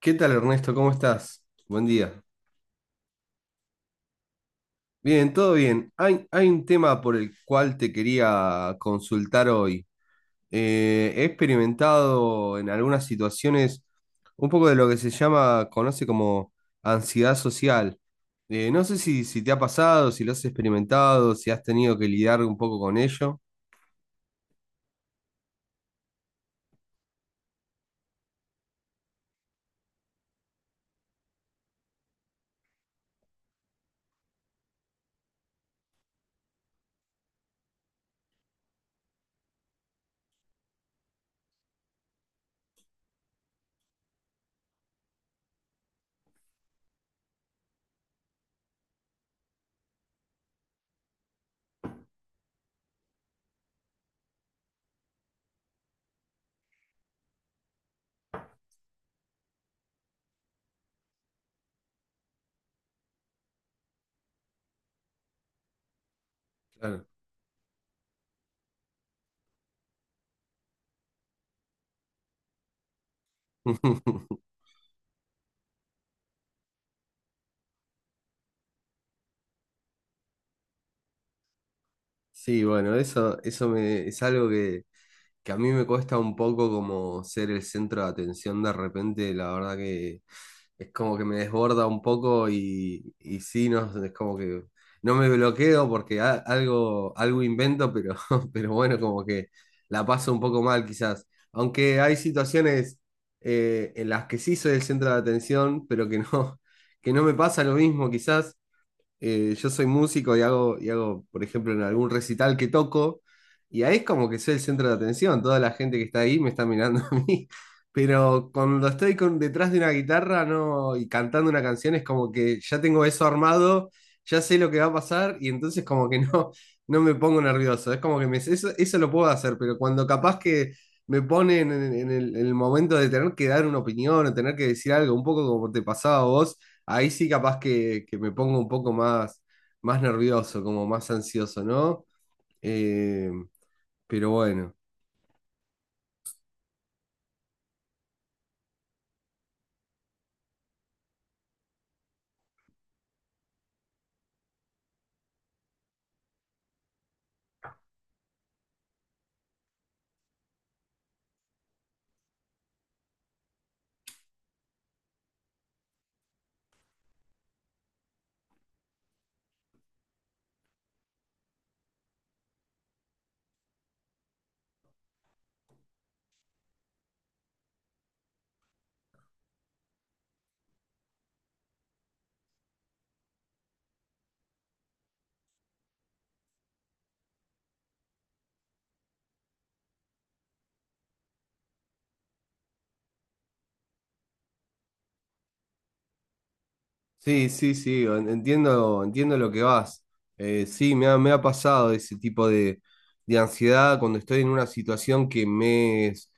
¿Qué tal, Ernesto? ¿Cómo estás? Buen día. Bien, todo bien. Hay un tema por el cual te quería consultar hoy. He experimentado en algunas situaciones un poco de lo que se llama, conoce como ansiedad social. No sé si te ha pasado, si lo has experimentado, si has tenido que lidiar un poco con ello. Claro. Sí, bueno, es algo que a mí me cuesta un poco como ser el centro de atención de repente, la verdad que es como que me desborda un poco y sí, no, es como que no me bloqueo porque algo, algo invento, pero, pero bueno, como que la paso un poco mal quizás. Aunque hay situaciones en las que sí soy el centro de atención, pero que no, que no me pasa lo mismo quizás. Yo soy músico y hago, por ejemplo, en algún recital que toco, y ahí es como que soy el centro de atención, toda la gente que está ahí me está mirando a mí, pero cuando estoy con, detrás de una guitarra no, y cantando una canción es como que ya tengo eso armado, ya sé lo que va a pasar y entonces como que no, no me pongo nervioso, es como que me, eso lo puedo hacer, pero cuando capaz que me ponen en el momento de tener que dar una opinión o tener que decir algo, un poco como te pasaba a vos, ahí sí capaz que me pongo un poco más, más nervioso, como más ansioso, ¿no? Eh, pero bueno. Sí, sí, sí, entiendo, entiendo lo que vas. Sí, me ha pasado ese tipo de ansiedad cuando estoy en una situación que me es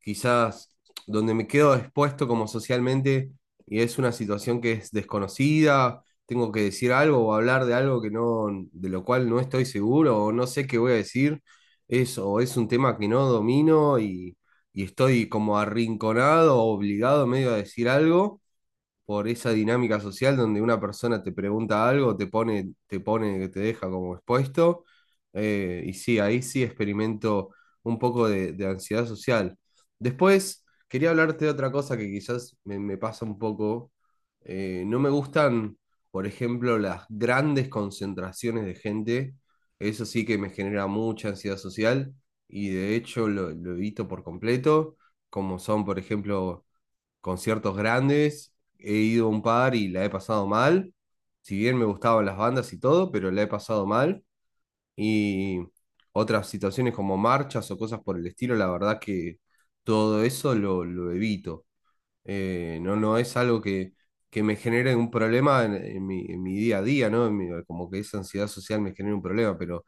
quizás donde me quedo expuesto como socialmente y es una situación que es desconocida, tengo que decir algo o hablar de algo que no, de lo cual no estoy seguro o no sé qué voy a decir. Es, o es un tema que no domino y estoy como arrinconado, obligado medio a decir algo por esa dinámica social donde una persona te pregunta algo, te pone, que te deja como expuesto. Y sí, ahí sí experimento un poco de ansiedad social. Después, quería hablarte de otra cosa que quizás me, me pasa un poco. No me gustan, por ejemplo, las grandes concentraciones de gente. Eso sí que me genera mucha ansiedad social y de hecho lo evito por completo, como son, por ejemplo, conciertos grandes, he ido a un par y la he pasado mal. Si bien me gustaban las bandas y todo, pero la he pasado mal. Y otras situaciones como marchas o cosas por el estilo, la verdad que todo eso lo evito. No, no es algo que me genere un problema en mi día a día, ¿no? Como que esa ansiedad social me genera un problema,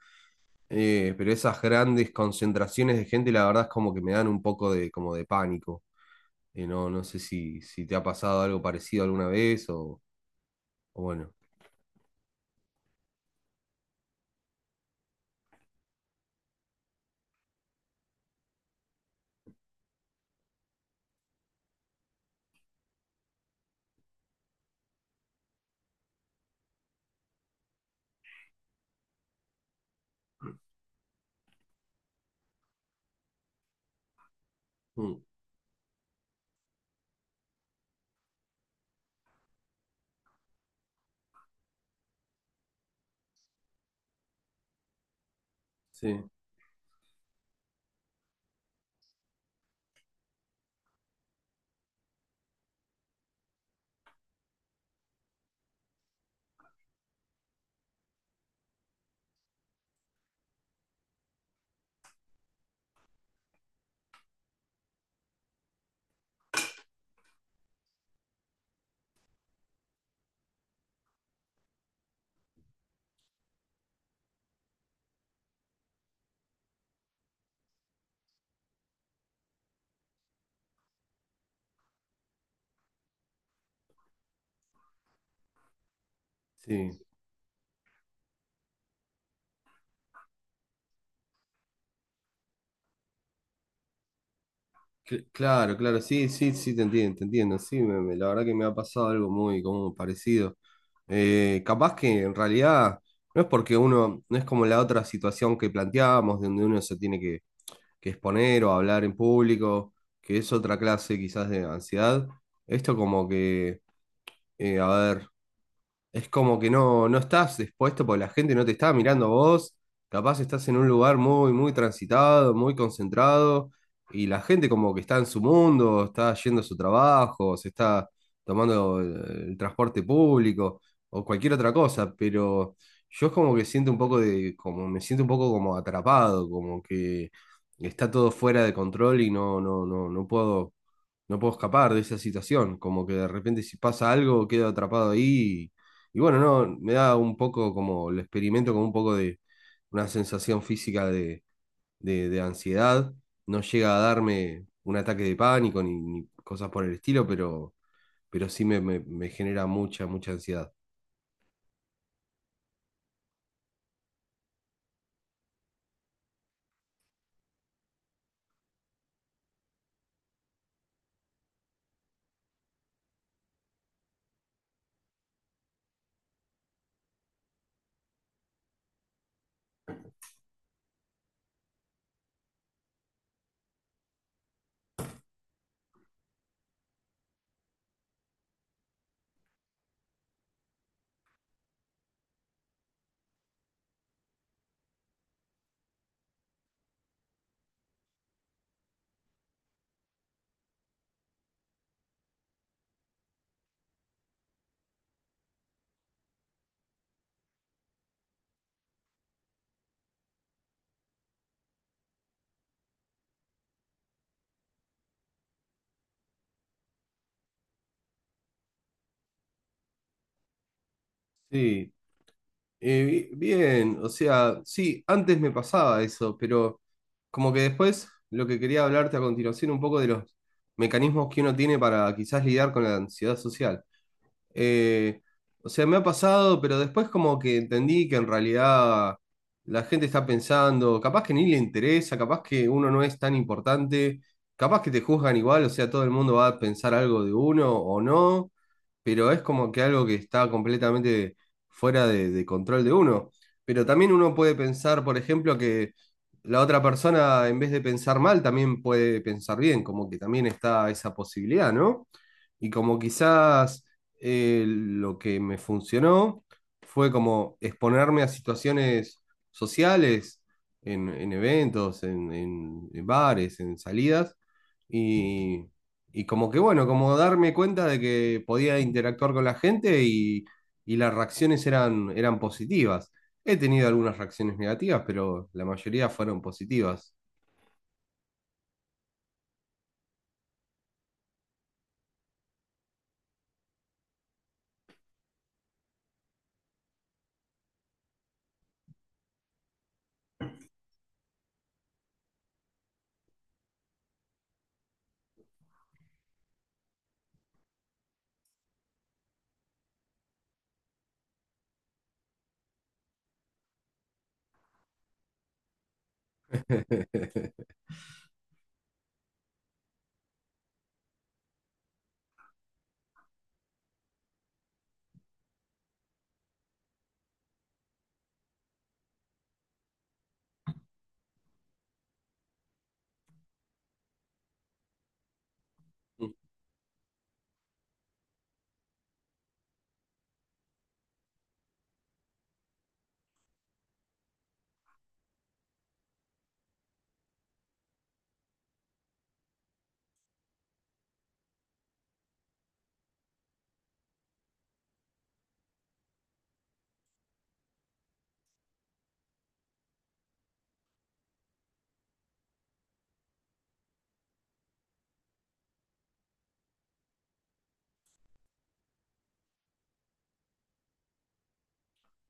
pero esas grandes concentraciones de gente, la verdad es como que me dan un poco de, como de pánico. No, no sé si te ha pasado algo parecido alguna vez o bueno. Mm, sí, sí. Claro, claro, sí, sí, sí, te entiendo, te entiendo. Sí, la verdad que me ha pasado algo muy como parecido. Capaz que en realidad no es porque uno, no es como la otra situación que planteábamos, donde uno se tiene que exponer o hablar en público, que es otra clase quizás de ansiedad. Esto como que, a ver. Es como que no, no estás expuesto porque la gente no te está mirando a vos. Capaz estás en un lugar muy, muy transitado, muy concentrado, y la gente como que está en su mundo, está yendo a su trabajo, se está tomando el transporte público o cualquier otra cosa, pero yo es como que siento un poco de, como me siento un poco como atrapado, como que está todo fuera de control y no, no, no, no puedo, no puedo escapar de esa situación. Como que de repente si pasa algo, quedo atrapado ahí y bueno, no, me da un poco como, lo experimento como un poco de una sensación física de ansiedad. No llega a darme un ataque de pánico ni, ni cosas por el estilo, pero sí me genera mucha, mucha ansiedad. Sí. Bien, o sea, sí, antes me pasaba eso, pero como que después lo que quería hablarte a continuación un poco de los mecanismos que uno tiene para quizás lidiar con la ansiedad social. Eh, o sea, me ha pasado, pero después como que entendí que en realidad la gente está pensando, capaz que ni le interesa, capaz que uno no es tan importante, capaz que te juzgan igual, o sea, todo el mundo va a pensar algo de uno o no, pero es como que algo que está completamente fuera de control de uno. Pero también uno puede pensar, por ejemplo, que la otra persona, en vez de pensar mal, también puede pensar bien, como que también está esa posibilidad, ¿no? Y como quizás lo que me funcionó fue como exponerme a situaciones sociales, en eventos, en bares, en salidas, y como que bueno, como darme cuenta de que podía interactuar con la gente y las reacciones eran, eran positivas. He tenido algunas reacciones negativas, pero la mayoría fueron positivas.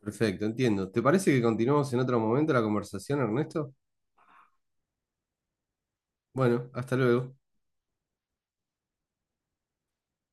Perfecto, entiendo. ¿Te parece que continuamos en otro momento la conversación, Ernesto? Bueno, hasta luego.